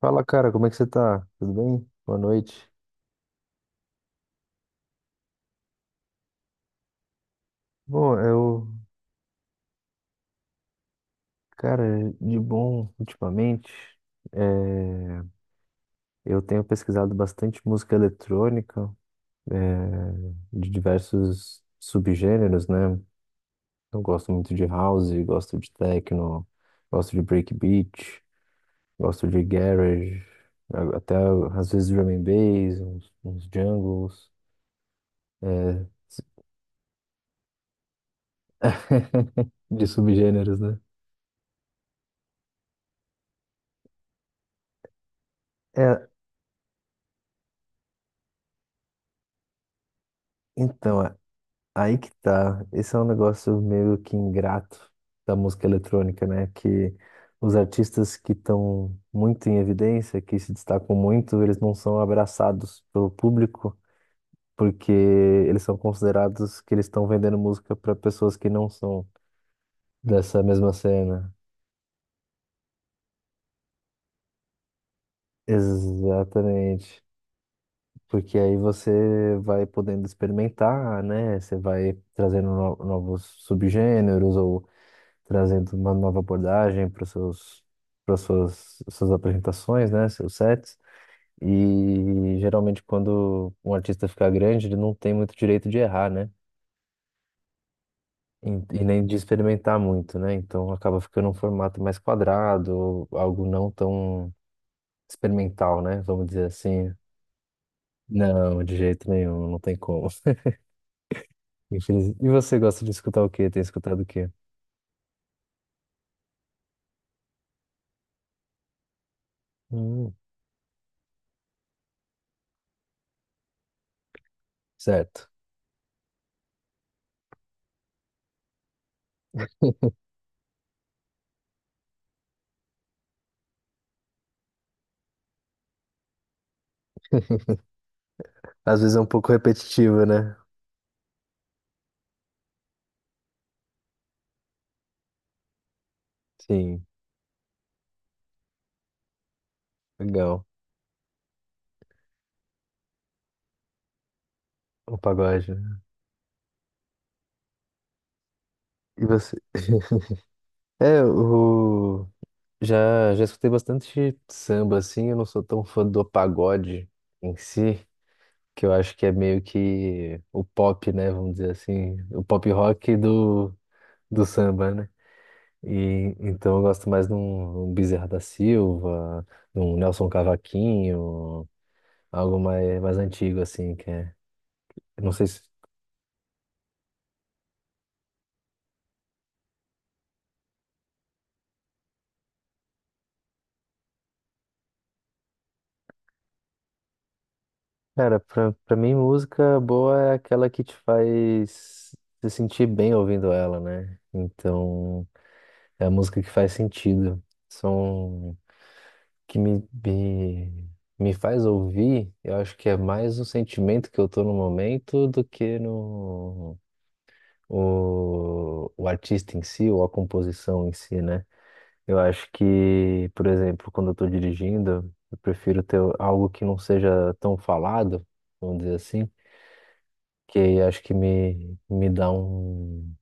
Fala, cara, como é que você tá? Tudo bem? Boa noite. Bom, cara, de bom ultimamente, eh, eu tenho pesquisado bastante música eletrônica, de diversos subgêneros, né? Eu gosto muito de house, gosto de techno, gosto de breakbeat, gosto de garage, até às vezes drum and bass, uns jungles, eh, de subgêneros, né? É, então. Aí que tá. Esse é um negócio meio que ingrato da música eletrônica, né? Que os artistas que estão muito em evidência, que se destacam muito, eles não são abraçados pelo público, porque eles são considerados que eles estão vendendo música para pessoas que não são dessa mesma cena. Exatamente. Porque aí você vai podendo experimentar, né? Você vai trazendo novos subgêneros ou trazendo uma nova abordagem para seus, para suas, suas apresentações, né, seus sets. E geralmente quando um artista fica grande, ele não tem muito direito de errar, né? E, e nem de experimentar muito, né? Então acaba ficando um formato mais quadrado, ou algo não tão experimental, né? Vamos dizer assim. Não, de jeito nenhum, não tem como. E você gosta de escutar o quê? Tem escutado o quê? Hum, certo. Às vezes é um pouco repetitivo, né? Sim, legal. O pagode, né? E você? É. Já escutei bastante samba, assim. Eu não sou tão fã do pagode em si, que eu acho que é meio que o pop, né? Vamos dizer assim, o pop rock do, do samba, né? E, então eu gosto mais de um, um Bezerra da Silva, de um Nelson Cavaquinho, algo mais antigo, assim, que é. Eu Não sei se Cara, pra mim, música boa é aquela que te faz se sentir bem ouvindo ela, né? Então, é a música que faz sentido. Som que me faz ouvir, eu acho que é mais um sentimento que eu tô no momento do que no o artista em si, ou a composição em si, né? Eu acho que, por exemplo, quando eu tô dirigindo, eu prefiro ter algo que não seja tão falado, vamos dizer assim que acho que me dá um,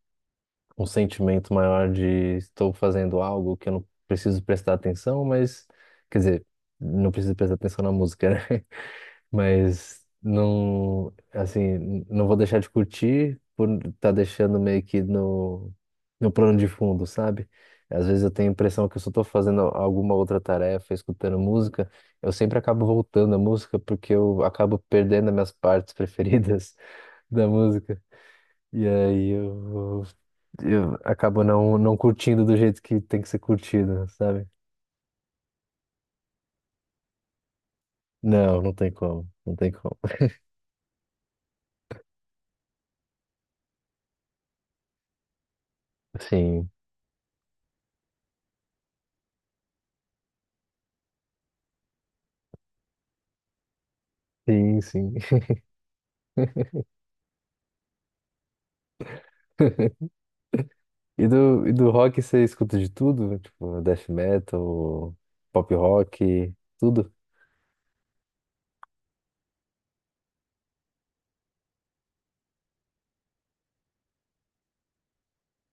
um sentimento maior de estou fazendo algo que eu não preciso prestar atenção, mas, quer dizer, não preciso prestar atenção na música, né? Mas não, assim, não vou deixar de curtir por estar tá deixando meio que no, no plano de fundo, sabe? Às vezes eu tenho a impressão que eu só estou fazendo alguma outra tarefa, escutando música, eu sempre acabo voltando à música porque eu acabo perdendo as minhas partes preferidas da música. E aí eu acabo não, não curtindo do jeito que tem que ser curtido, sabe? Não, não tem como, não tem como. Sim, sim, sim. E do rock você escuta de tudo? Tipo, death metal, pop rock, tudo?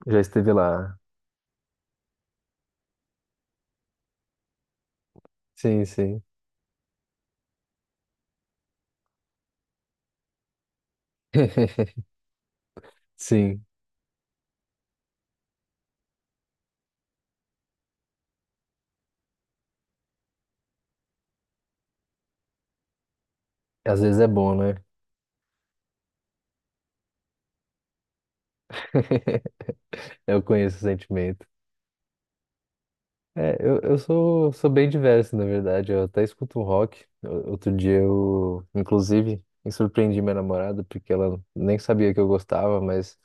Já esteve lá. Sim, sim. Sim. Às vezes é bom, né? Eu conheço o sentimento. É, eu sou bem diverso, na verdade. Eu até escuto um rock. Outro dia eu, inclusive, me surpreendi minha namorada, porque ela nem sabia que eu gostava, mas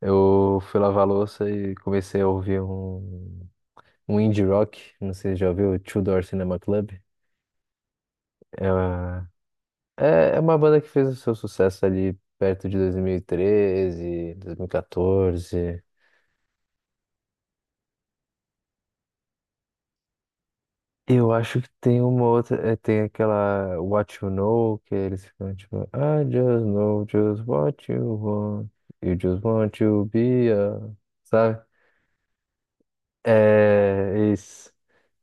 eu fui lavar a louça e comecei a ouvir um, indie rock. Não sei se já ouviu, Two Door Cinema Club. É, uma- é, é uma banda que fez o seu sucesso ali perto de dois mil e treze, dois mil e 2014. Eu acho que tem uma outra, tem aquela What You Know, que eles ficam tipo, I just know just what you want, you just want to be a... Sabe? É, isso.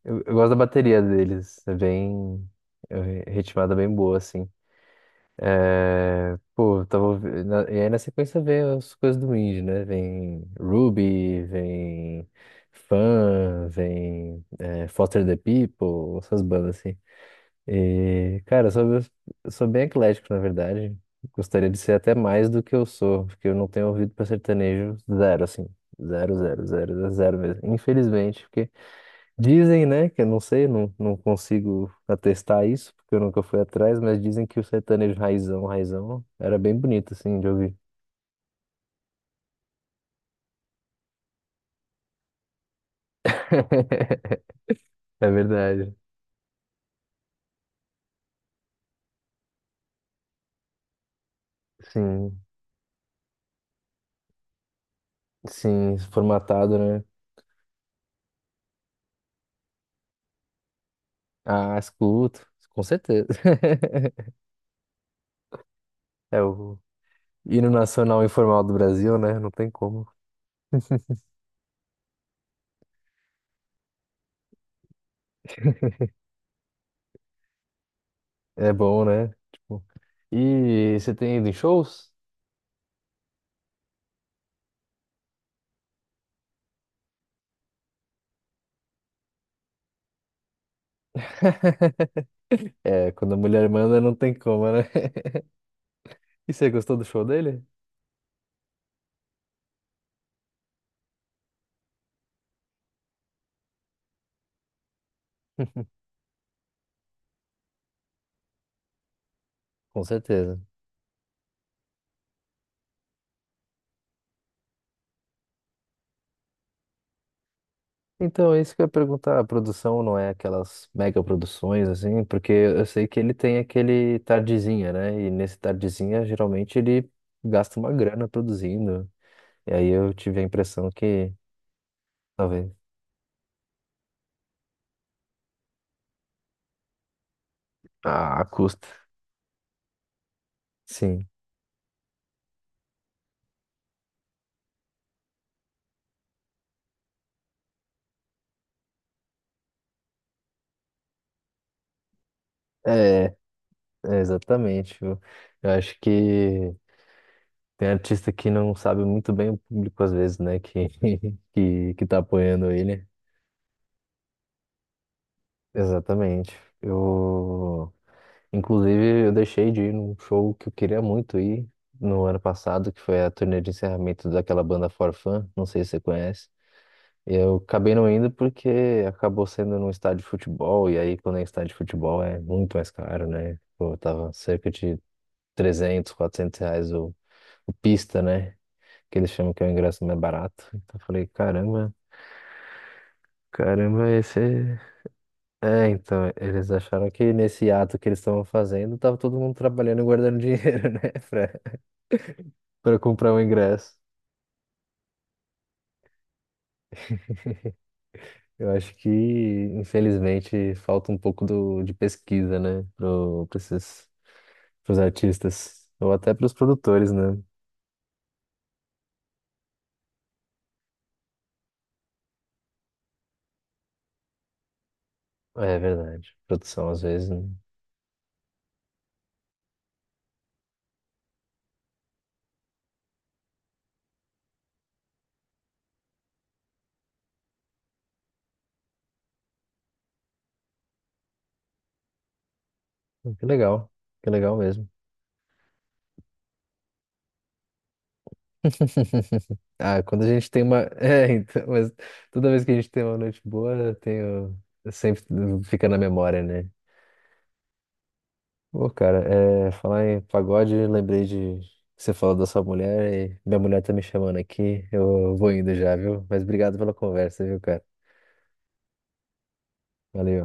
eu, gosto da bateria deles, é bem, é ritmada bem boa, assim. É, pô, eu tava, ouvi- na- e aí na sequência vem as coisas do indie, né? Vem Ruby, vem Fun, vem Foster the People, essas bandas assim. E, cara, eu sou bem eclético, na verdade. Gostaria de ser até mais do que eu sou, porque eu não tenho ouvido para sertanejo zero, assim. Zero, zero, zero, zero mesmo. Infelizmente, porque dizem, né, que eu não sei, não, não consigo atestar isso, porque eu nunca fui atrás, mas dizem que o sertanejo raizão, raizão, era bem bonito, assim, de ouvir. É verdade. Sim, sim, formatado, né? Ah, escuto, com certeza. É o hino nacional informal do Brasil, né? Não tem como. É bom, né? Tipo, e você tem ido em shows? É, quando a mulher manda, não tem como, né? E você gostou do show dele? Com certeza. Então, é isso que eu ia perguntar. A produção não é aquelas mega produções, assim, porque eu sei que ele tem aquele tardezinha, né? E nesse tardezinha, geralmente, ele gasta uma grana produzindo. E aí eu tive a impressão que, talvez, ah, custa. Sim. É, é, exatamente. Eu acho que tem artista que não sabe muito bem o público às vezes, né? Que, que tá apoiando ele. Exatamente. Eu, inclusive, eu deixei de ir num show que eu queria muito ir no ano passado, que foi a turnê de encerramento daquela banda Forfun, não sei se você conhece. Eu acabei não indo porque acabou sendo num estádio de futebol, e aí quando é estádio de futebol é muito mais caro, né? Pô, tava cerca de R$ 300, R$ 400 o pista, né? Que eles chamam que é o ingresso mais barato. Então eu falei, caramba, caramba, esse. É, é, então, eles acharam que nesse ato que eles estavam fazendo, tava todo mundo trabalhando e guardando dinheiro, né? Pra, pra comprar o ingresso. Eu acho que, infelizmente, falta um pouco do, de pesquisa, né? Pra esses, pros artistas. Ou até pros produtores, né? É verdade. Produção, às vezes, né? Que legal. Que legal mesmo. Ah, quando a gente tem uma. É, então, mas toda vez que a gente tem uma noite boa, eu tenho. Sempre fica na memória, né? Pô, cara, é, falar em pagode, lembrei de. Que você falou da sua mulher e minha mulher tá me chamando aqui. Eu vou indo já, viu? Mas obrigado pela conversa, viu, cara? Valeu.